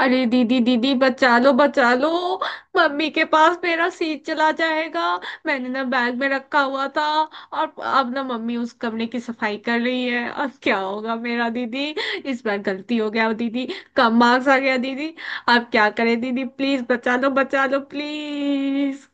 अरे दीदी, दीदी बचा लो, बचा लो। मम्मी के पास मेरा सीट चला जाएगा। मैंने ना बैग में रखा हुआ था। और अब ना मम्मी उस कमरे की सफाई कर रही है, अब क्या होगा मेरा दीदी। इस बार गलती हो गया दीदी। कम मार्क्स आ गया दीदी। अब क्या करें दीदी, प्लीज बचा लो, बचा लो प्लीज।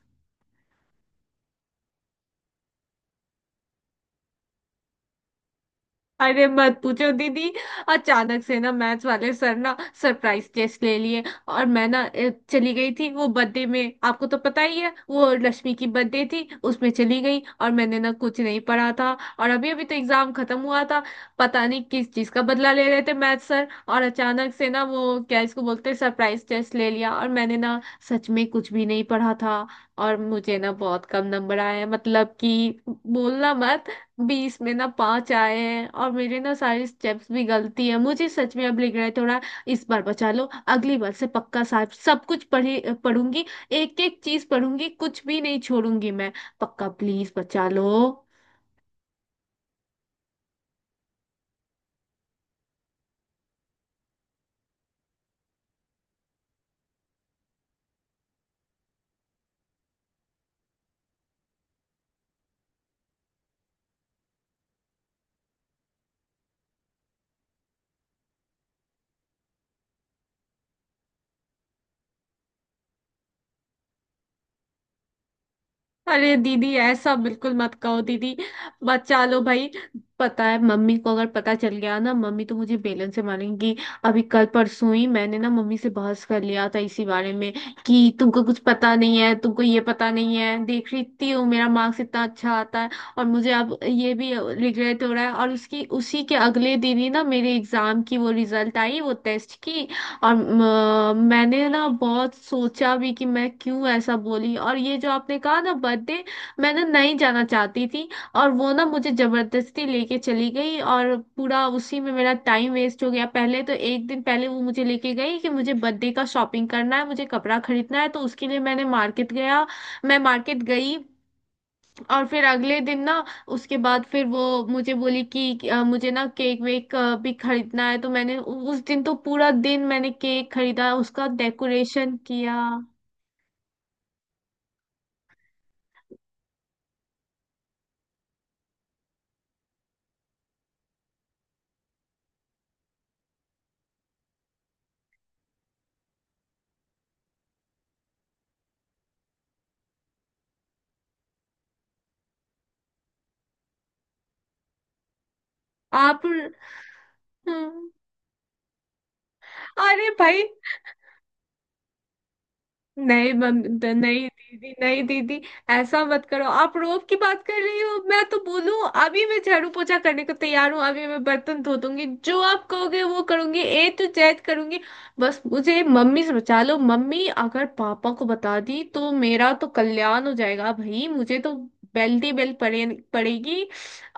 अरे मत पूछो दीदी। अचानक से ना मैथ्स वाले सर ना सरप्राइज टेस्ट ले लिए, और मैं ना चली गई थी वो बर्थडे में, आपको तो पता ही है वो लक्ष्मी की बर्थडे थी, उसमें चली गई और मैंने ना कुछ नहीं पढ़ा था। और अभी अभी तो एग्जाम खत्म हुआ था। पता नहीं किस चीज का बदला ले रहे थे मैथ्स सर, और अचानक से ना वो क्या इसको बोलते हैं, सरप्राइज टेस्ट ले लिया और मैंने ना सच में कुछ भी नहीं पढ़ा था। और मुझे ना बहुत कम नंबर आए, मतलब कि बोलना मत। 20 में ना 5 आए हैं, और मेरे ना सारे स्टेप्स भी गलती है, मुझे सच में अब लग रहा है थोड़ा। इस बार बचा लो। अगली बार से पक्का साहब सब कुछ पढ़ी पढ़ूंगी। एक एक चीज पढ़ूंगी, कुछ भी नहीं छोड़ूंगी मैं। पक्का प्लीज बचा लो। अरे दीदी ऐसा बिल्कुल मत कहो दीदी। बचा लो भाई। पता है मम्मी को अगर पता चल गया ना, मम्मी तो मुझे बेलन से मारेंगी। अभी कल परसों ही मैंने ना मम्मी से बहस कर लिया था इसी बारे में, कि तुमको कुछ पता नहीं है, तुमको ये पता नहीं है, देख रही थी हूँ मेरा मार्क्स इतना अच्छा आता है। और मुझे अब ये भी रिग्रेट हो रहा है, और उसकी उसी के अगले दिन ही ना मेरे एग्जाम की वो रिजल्ट आई, वो टेस्ट की। और मैंने ना बहुत सोचा भी कि मैं क्यों ऐसा बोली, और ये जो आपने कहा ना बर्थडे, मैं ना नहीं जाना चाहती थी। और वो ना मुझे जबरदस्ती लेके चली गई और पूरा उसी में मेरा टाइम वेस्ट हो गया। पहले तो एक दिन पहले वो मुझे लेके गई कि मुझे बर्थडे का शॉपिंग करना है, मुझे कपड़ा खरीदना है, तो उसके लिए मैंने मार्केट गया, मैं मार्केट गई। और फिर अगले दिन ना उसके बाद फिर वो मुझे बोली कि मुझे ना केक वेक भी खरीदना है, तो मैंने उस दिन तो पूरा दिन मैंने केक खरीदा, उसका डेकोरेशन किया। आप। हम्म, अरे भाई। नहीं बंद नहीं दीदी, नहीं दीदी। ऐसा मत करो आप। रोब की बात कर रही हो, मैं तो बोलूं अभी मैं झाड़ू पोछा करने को तैयार हूँ, अभी मैं बर्तन धो दूंगी, जो आप कहोगे वो करूंगी, ए टू जेड करूंगी। बस मुझे मम्मी से बचा लो, मम्मी अगर पापा को बता दी तो मेरा तो कल्याण हो जाएगा भाई। मुझे तो बेल दी, बेल पड़े, पड़ेगी।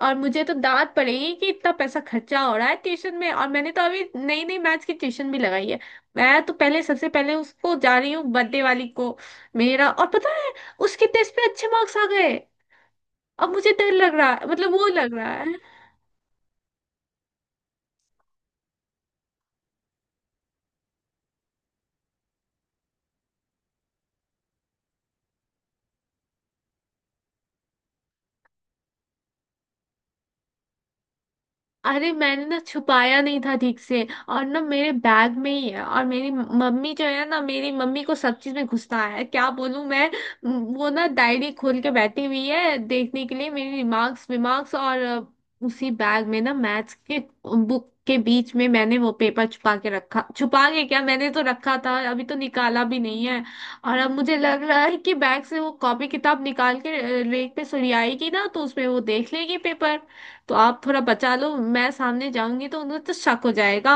और मुझे तो डांट पड़ेगी कि इतना पैसा खर्चा हो रहा है ट्यूशन में, और मैंने तो अभी नई नई मैथ्स की ट्यूशन भी लगाई है। मैं तो पहले सबसे पहले उसको जा रही हूँ, बर्थडे वाली को। मेरा और पता है, उसके टेस्ट पे अच्छे मार्क्स आ गए। अब मुझे डर लग रहा है, मतलब वो लग रहा है। अरे मैंने ना छुपाया नहीं था ठीक से, और ना मेरे बैग में ही है। और मेरी मम्मी जो है ना, मेरी मम्मी को सब चीज में गुस्सा है, क्या बोलूं मैं। म, वो ना डायरी खोल के बैठी हुई है देखने के लिए मेरी रिमार्क्स विमार्क्स। और उसी बैग में ना मैथ्स के बुक के बीच में मैंने वो पेपर छुपा के रखा, छुपा के क्या, मैंने तो रखा था, अभी तो निकाला भी नहीं है। और अब मुझे लग रहा है कि बैग से वो कॉपी किताब निकाल के रेक पे सुरियाएगी ना, तो उसमें वो देख लेगी पेपर। तो आप थोड़ा बचा लो, मैं सामने जाऊंगी तो उन्हें तो शक हो जाएगा।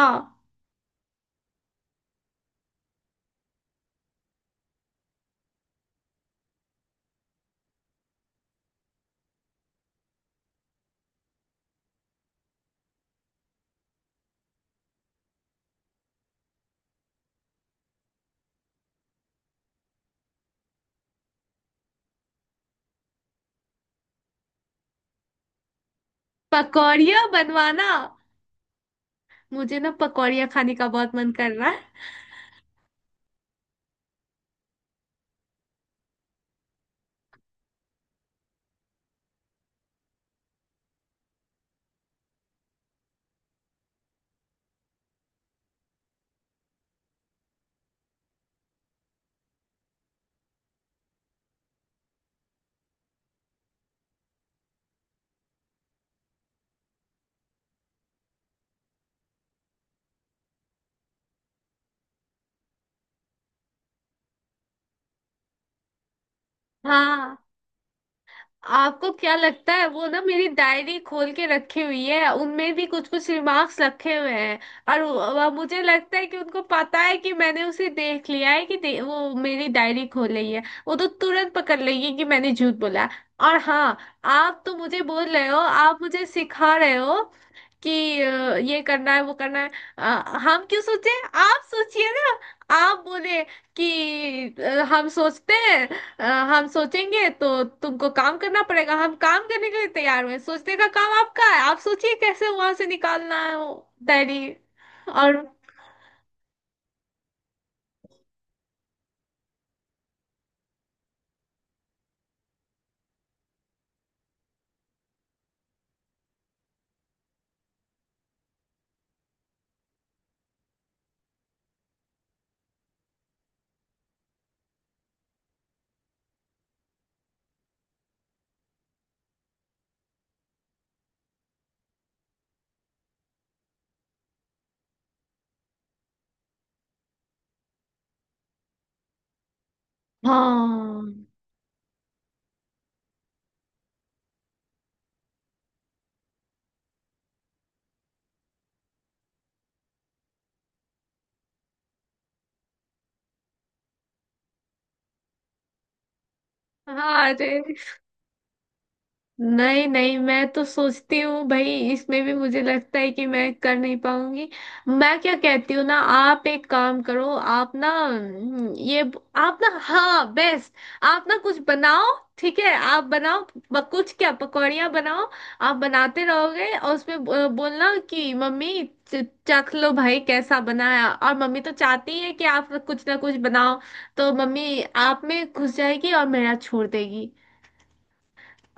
पकौड़िया बनवाना, मुझे ना पकौड़िया खाने का बहुत मन कर रहा है। हाँ। आपको क्या लगता है, वो ना मेरी डायरी खोल के रखी हुई है, उनमें भी कुछ कुछ रिमार्क्स रखे हुए हैं। और मुझे लगता है कि उनको पता है कि मैंने उसे देख लिया है कि वो मेरी डायरी खोल रही है। वो तो तुरंत पकड़ लेगी कि मैंने झूठ बोला। और हाँ, आप तो मुझे बोल रहे हो, आप मुझे सिखा रहे हो कि ये करना है वो करना है। अ, हम क्यों सोचे, आप सोचिए ना। आप बोले कि हम सोचते हैं, अ, हम सोचेंगे, तो तुमको काम करना पड़ेगा। हम काम करने के लिए तैयार हुए, सोचने का काम आपका है, आप सोचिए कैसे वहां से निकालना है वो डायरी। और हाँ। हाँ। अरे नहीं नहीं, मैं तो सोचती हूँ भाई इसमें भी मुझे लगता है कि मैं कर नहीं पाऊंगी। मैं क्या कहती हूँ ना, आप एक काम करो, आप ना ये, आप ना हाँ बेस्ट, आप ना कुछ बनाओ, ठीक है आप बनाओ। कुछ क्या, पकौड़ियाँ बनाओ। आप बनाते रहोगे, और उसमें बोलना कि मम्मी चख लो भाई कैसा बनाया, और मम्मी तो चाहती है कि आप कुछ ना कुछ बनाओ, तो मम्मी आप में घुस जाएगी और मेरा छोड़ देगी।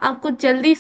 आपको जल्दी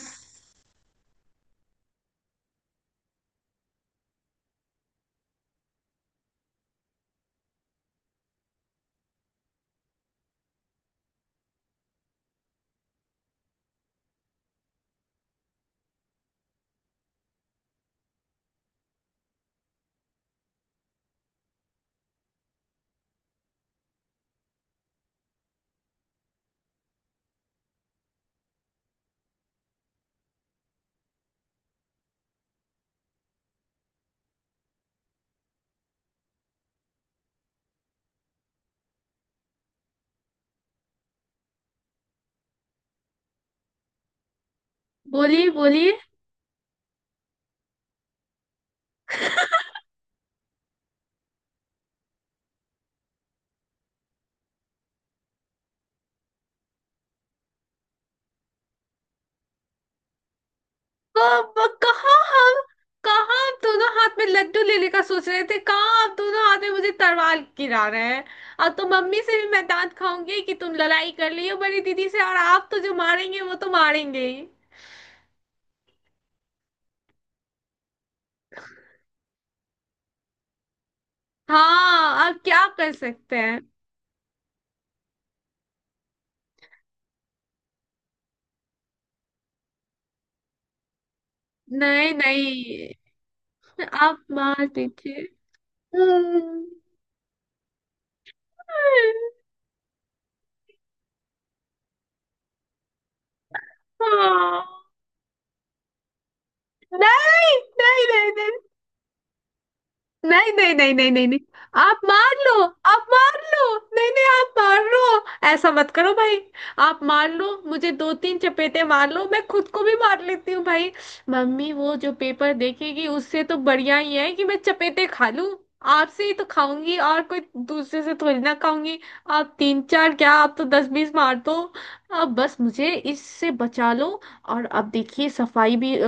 बोलिए, बोलिए। कब? कहाँ हम, कहाँ आप दोनों हाथ में लड्डू लेने का सोच रहे थे, कहाँ आप दोनों हाथ में मुझे तलवार गिरा रहे हैं। और तो मम्मी से भी मैं डांट खाऊंगी कि तुम लड़ाई कर रही हो बड़ी दीदी से, और आप तो जो मारेंगे वो तो मारेंगे ही। हाँ, आप क्या कर सकते हैं। नहीं नहीं। आप मार दीजिए। हम्म। हाँ। नहीं नहीं नहीं नहीं। नहीं नहीं नहीं नहीं। नहीं नहीं आप मार लो, आप मार लो, नहीं नहीं आप मार लो। ऐसा मत करो भाई। आप मार लो, मुझे दो तीन चपेटे मार लो, मैं खुद को भी मार लेती हूँ भाई। मम्मी वो जो पेपर देखेगी उससे तो बढ़िया ही है कि मैं चपेटे खा लूं। आपसे ही तो खाऊंगी, और कोई दूसरे से थोड़ी ना खाऊंगी। आप तीन चार क्या, आप तो 10 20 मार दो। अब बस मुझे इससे बचा लो। और अब देखिए सफाई भी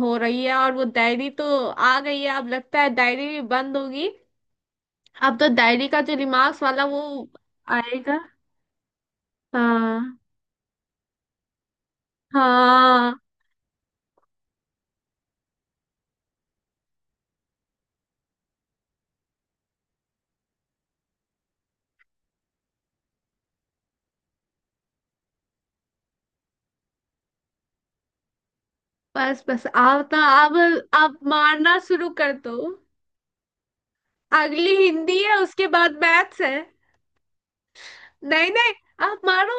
हो रही है, और वो डायरी तो आ गई है, अब लगता है डायरी भी बंद होगी। अब तो डायरी का जो रिमार्क्स वाला वो आएगा। हाँ। हाँ। बस बस अब तो अब मारना शुरू कर दो। अगली हिंदी है, उसके बाद मैथ्स है। नहीं नहीं आप मारो,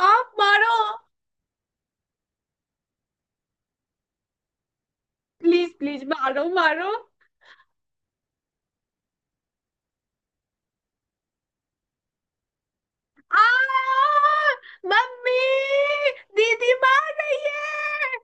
आप मारो। प्लीज प्लीज मारो मारो। आ, मम्मी दीदी मार रही है।